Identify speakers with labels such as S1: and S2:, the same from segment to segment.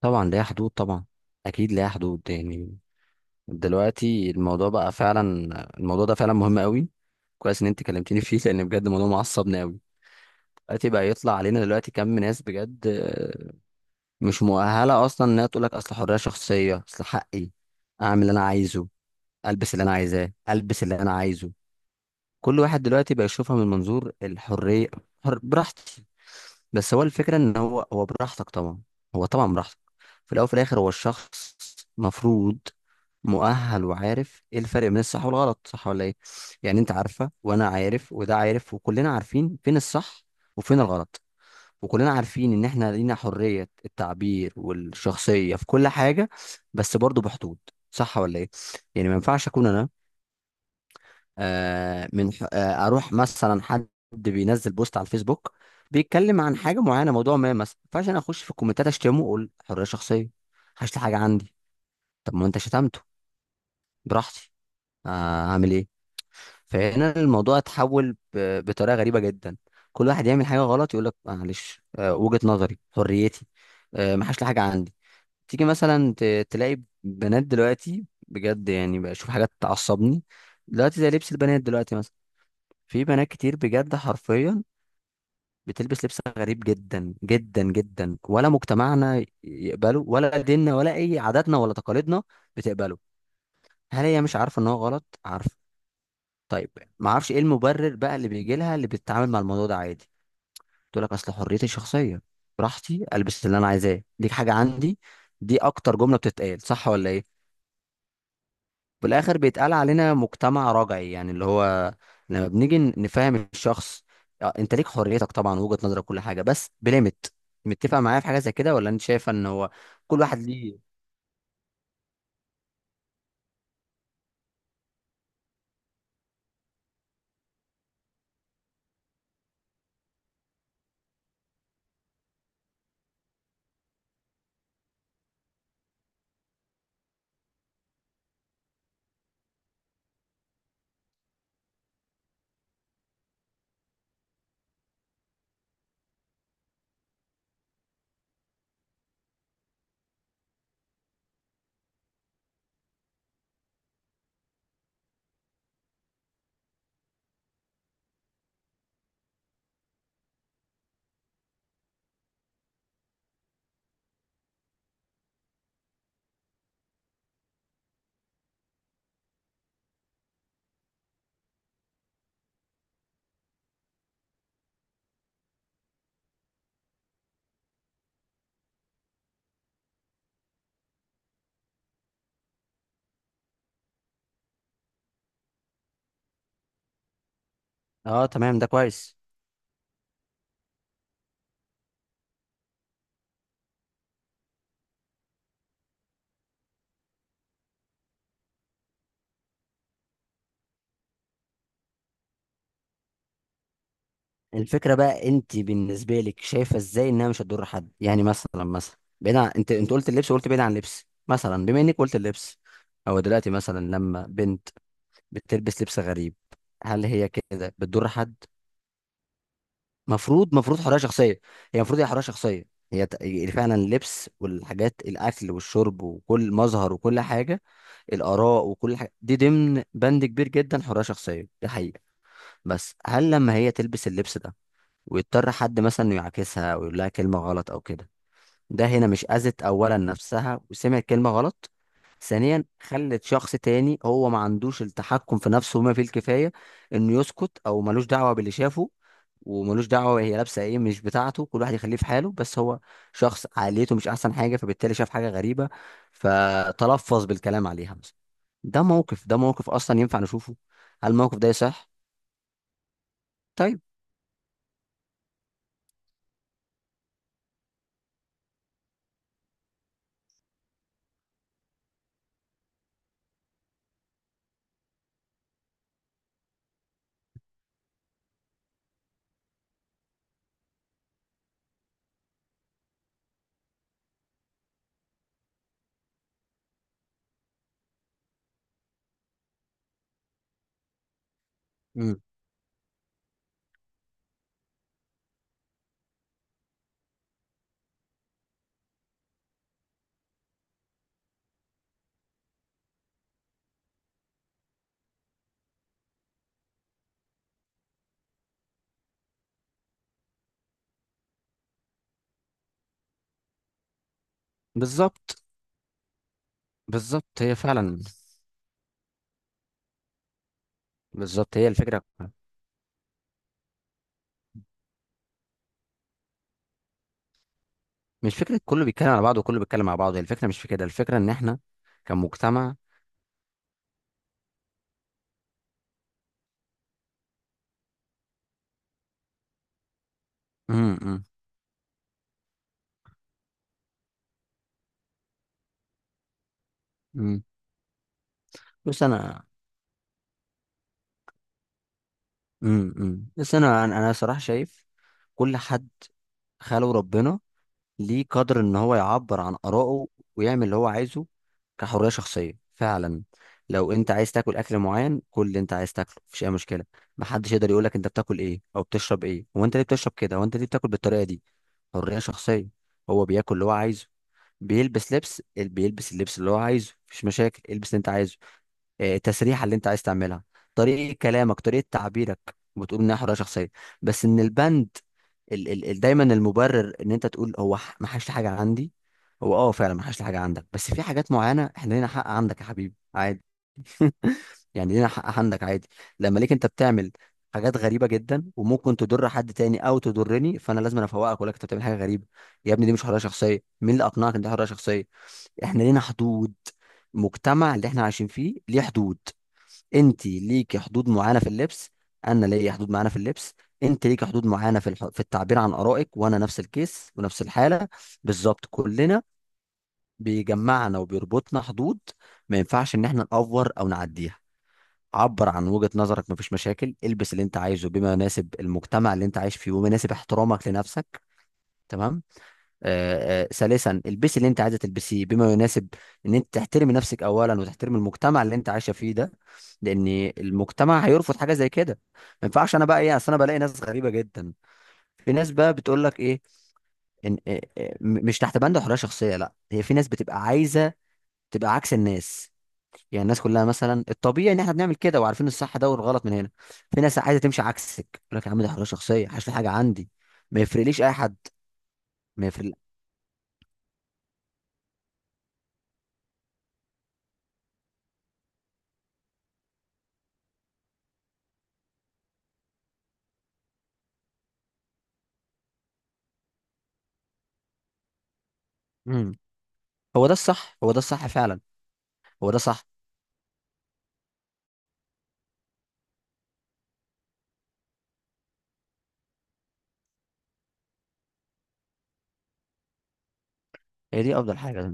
S1: طبعا ليها حدود، طبعا اكيد ليها حدود. يعني دلوقتي الموضوع بقى فعلا، الموضوع ده فعلا مهم قوي. كويس ان انت كلمتيني فيه لان بجد الموضوع معصبني قوي. دلوقتي بقى يطلع علينا دلوقتي كم ناس بجد، مش مؤهله اصلا انها تقول لك اصل حريه شخصيه، اصل حقي اعمل اللي انا عايزه، البس اللي انا عايزاه، البس اللي انا عايزه. كل واحد دلوقتي بقى يشوفها من منظور الحرية، حر براحتي. بس هو الفكرة ان هو براحتك طبعا، هو طبعا براحتك. في الاول وفي الاخر هو الشخص مفروض مؤهل وعارف ايه الفرق بين الصح والغلط، صح ولا ايه؟ يعني انت عارفة وانا عارف وده عارف وكلنا عارفين فين الصح وفين الغلط، وكلنا عارفين ان احنا لينا حرية التعبير والشخصية في كل حاجة، بس برضو بحدود، صح ولا ايه؟ يعني ما ينفعش اكون انا، آه، من ح- آه، اروح مثلا حد بينزل بوست على الفيسبوك بيتكلم عن حاجه معينه، موضوع ما مثلا، فعشان اخش في الكومنتات اشتمه واقول حريه شخصيه، هشتم حاجه عندي. طب ما انت شتمته براحتي، هعمل ايه؟ فهنا الموضوع اتحول بطريقه غريبه جدا. كل واحد يعمل حاجه غلط يقول لك معلش، وجهه نظري، حريتي، ما حاش لي حاجه عندي. تيجي مثلا تلاقي بنات دلوقتي بجد، يعني بشوف حاجات تعصبني. دلوقتي زي لبس البنات دلوقتي مثلا، في بنات كتير بجد حرفيا بتلبس لبس غريب جدا جدا جدا، ولا مجتمعنا يقبله ولا ديننا ولا اي عاداتنا ولا تقاليدنا بتقبله. هل هي مش عارفه ان هو غلط؟ عارفه. طيب، ما اعرفش ايه المبرر بقى اللي بيجي لها اللي بتتعامل مع الموضوع ده عادي، تقول لك اصل حريتي الشخصيه، براحتي البس اللي انا عايزاه، دي حاجه عندي. دي اكتر جمله بتتقال، صح ولا ايه؟ بالاخر بيتقال علينا مجتمع رجعي، يعني اللي هو لما بنيجي نفهم الشخص، انت ليك حريتك طبعا، وجهة نظرك، كل حاجه، بس بليمت. متفق معايا في حاجه زي كده ولا انت شايفه ان هو كل واحد ليه؟ اه تمام، ده كويس. الفكره بقى انت بالنسبه لك شايفه ازاي انها مش هتضر حد؟ يعني مثلا، بعيد عن، انت قلت اللبس، وقلت بعيد عن اللبس، مثلا بما انك قلت اللبس او دلوقتي مثلا لما بنت بتلبس لبس غريب، هل هي كده بتضر حد؟ مفروض، مفروض حريه شخصيه، هي المفروض هي حريه شخصيه. هي فعلا اللبس والحاجات، الاكل والشرب وكل مظهر وكل حاجه، الاراء وكل حاجه دي ضمن بند كبير جدا، حريه شخصيه، دي حقيقه. بس هل لما هي تلبس اللبس ده ويضطر حد مثلا إنه يعاكسها او يقول لها كلمه غلط او كده، ده هنا مش اذت اولا نفسها وسمعت كلمه غلط؟ ثانيا خلت شخص تاني هو ما عندوش التحكم في نفسه وما فيه الكفايه انه يسكت او ملوش دعوه باللي شافه، وملوش دعوه هي لابسه ايه، مش بتاعته، كل واحد يخليه في حاله، بس هو شخص عقليته مش احسن حاجه، فبالتالي شاف حاجه غريبه فتلفظ بالكلام عليها مثلا. ده موقف، ده موقف اصلا ينفع نشوفه؟ هل الموقف ده يصح؟ طيب. مم. بالظبط، بالظبط هي فعلا. بالظبط هي الفكره. مش فكره كله بيتكلم على بعضه وكله بيتكلم على بعضه، هي الفكره مش في كده، الفكره ان احنا كمجتمع. امم امم أمم. بس انا. بس انا انا أنا صراحه شايف كل حد خاله ربنا ليه قدر ان هو يعبر عن آرائه ويعمل اللي هو عايزه كحرية شخصية فعلا. لو انت عايز تاكل اكل معين، كل اللي انت عايز تاكله مفيش اي مشكلة. محدش يقدر يقولك انت بتاكل ايه او بتشرب ايه، هو انت ليه بتشرب كده، هو انت ليه بتاكل بالطريقة دي؟ حرية شخصية، هو بياكل اللي هو عايزه، بيلبس اللبس اللي هو عايزه، مفيش مشاكل، البس اللي انت عايزه، التسريحه اللي انت عايز تعملها، طريقه كلامك، طريقه تعبيرك، بتقول انها حريه شخصيه. بس ان البند، ال ال ال دايما المبرر ان انت تقول هو ما حاش حاجه عندي. هو اه فعلا ما حاش حاجه عندك، بس في حاجات معينه احنا لينا حق عندك يا حبيبي عادي. يعني لينا حق عندك عادي. لما ليك انت بتعمل حاجات غريبه جدا وممكن تضر حد تاني او تضرني، فانا لازم أنا افوقك ولا انت بتعمل حاجه غريبه. يا ابني دي مش حريه شخصيه، مين اللي اقنعك ان دي حريه شخصيه؟ احنا لينا حدود، مجتمع اللي احنا عايشين فيه ليه حدود. انت ليكي حدود معينه في اللبس، انا ليا حدود معينه في اللبس، انت ليكي حدود معينه في في التعبير عن ارائك، وانا نفس الكيس ونفس الحاله. بالظبط كلنا بيجمعنا وبيربطنا حدود، ما ينفعش ان احنا نأفور او نعديها. عبر عن وجهة نظرك، مفيش مشاكل، البس اللي انت عايزه بما يناسب المجتمع اللي انت عايش فيه وما يناسب احترامك لنفسك. تمام. ثالثا البسي اللي انت عايزه تلبسيه بما يناسب ان انت تحترمي نفسك اولا وتحترمي المجتمع اللي انت عايشه فيه ده. لان المجتمع هيرفض حاجه زي كده. ما ينفعش انا بقى ايه، اصل انا بلاقي ناس غريبه جدا، في ناس بقى بتقول لك ايه؟ ان إيه- إيه، م- مش تحت بند حريه شخصيه، لا هي في ناس بتبقى عايزه تبقى عكس الناس. يعني الناس كلها مثلا الطبيعي ان احنا بنعمل كده وعارفين الصح ده والغلط من هنا، في ناس عايزه تمشي عكسك، يقول لك يا عم ده حريه شخصيه، حاش في حاجه عندي، ما يفرقليش اي حد، ما يفرق. مم. هو ده الصح، هو ده الصح فعلا. هو ده صح، هي دي افضل حاجه.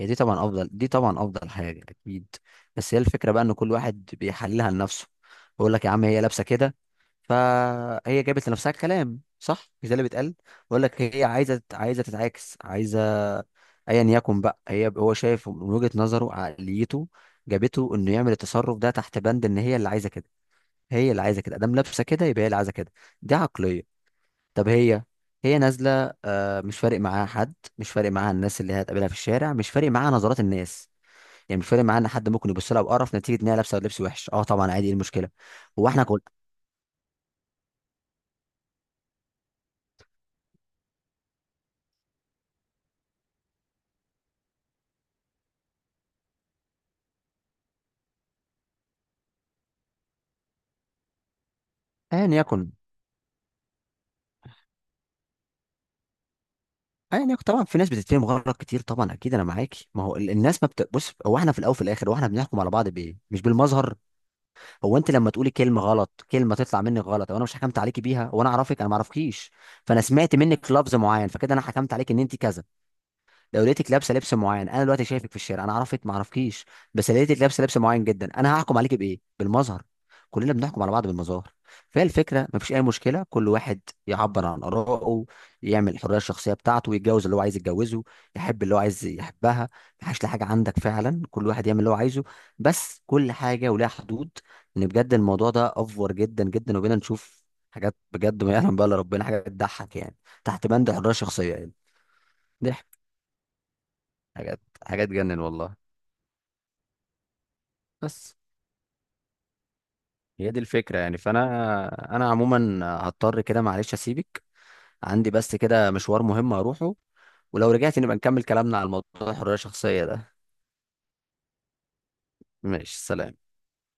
S1: هي دي طبعا افضل، دي طبعا افضل حاجه اكيد. بس هي الفكره بقى ان كل واحد بيحللها لنفسه، بيقول لك يا عم هي لابسه كده فهي جابت لنفسها الكلام، صح؟ مش ده اللي بيتقال؟ بيقول لك هي عايزه تتعاكس، عايزه ايا يكن بقى، هي هو شايف من وجهه نظره عقليته جابته انه يعمل التصرف ده تحت بند ان هي اللي عايزه كده، هي اللي عايزه كده، ادام لابسه كده يبقى هي اللي عايزه كده. دي عقليه. طب هي نازله، مش فارق معاها حد، مش فارق معاها الناس اللي هتقابلها في الشارع، مش فارق معاها نظرات الناس، يعني مش فارق معاها ان حد ممكن يبص لها بقرف نتيجه ان هي لابسه لبس وحش، اه طبعا عادي ايه المشكله. هو احنا كل ايا يكن ايا يكن طبعا في ناس بتتفهم غلط كتير طبعا اكيد، انا معاكي. ما هو ال- الناس ما بت... بص هو احنا في الاول وفي الاخر هو احنا بنحكم على بعض بايه، مش بالمظهر. هو انت لما تقولي كلمه غلط، كلمه تطلع منك غلط او انا مش حكمت عليكي بيها وانا اعرفك، انا ما اعرفكيش، فانا سمعت منك لفظ معين، فكده انا حكمت عليك ان انت كذا. لو لقيتك لابسه لبس معين، انا دلوقتي شايفك في الشارع انا عرفت ما عرفكيش، بس لقيتك لابسه لبس معين جدا، انا هحكم عليك بايه؟ بالمظهر. كلنا بنحكم على بعض بالمظاهر. فهي الفكره ما فيش اي مشكله، كل واحد يعبر عن ارائه، يعمل الحريه الشخصيه بتاعته، يتجوز اللي هو عايز يتجوزه، يحب اللي هو عايز يحبها، ما حاجه عندك فعلا، كل واحد يعمل اللي هو عايزه، بس كل حاجه ولها حدود. ان بجد الموضوع ده افور جدا جدا، وبينا نشوف حاجات بجد ما يعلم بقى الا ربنا، حاجه بتضحك يعني تحت بند الحريه الشخصيه يعني. ضحك حاجات حاجات تجنن والله. بس هي دي الفكرة يعني، فأنا عموما هضطر كده معلش أسيبك، عندي بس كده مشوار مهم أروحه، ولو رجعت نبقى نكمل كلامنا على الموضوع الحرية الشخصية ده. ماشي سلام.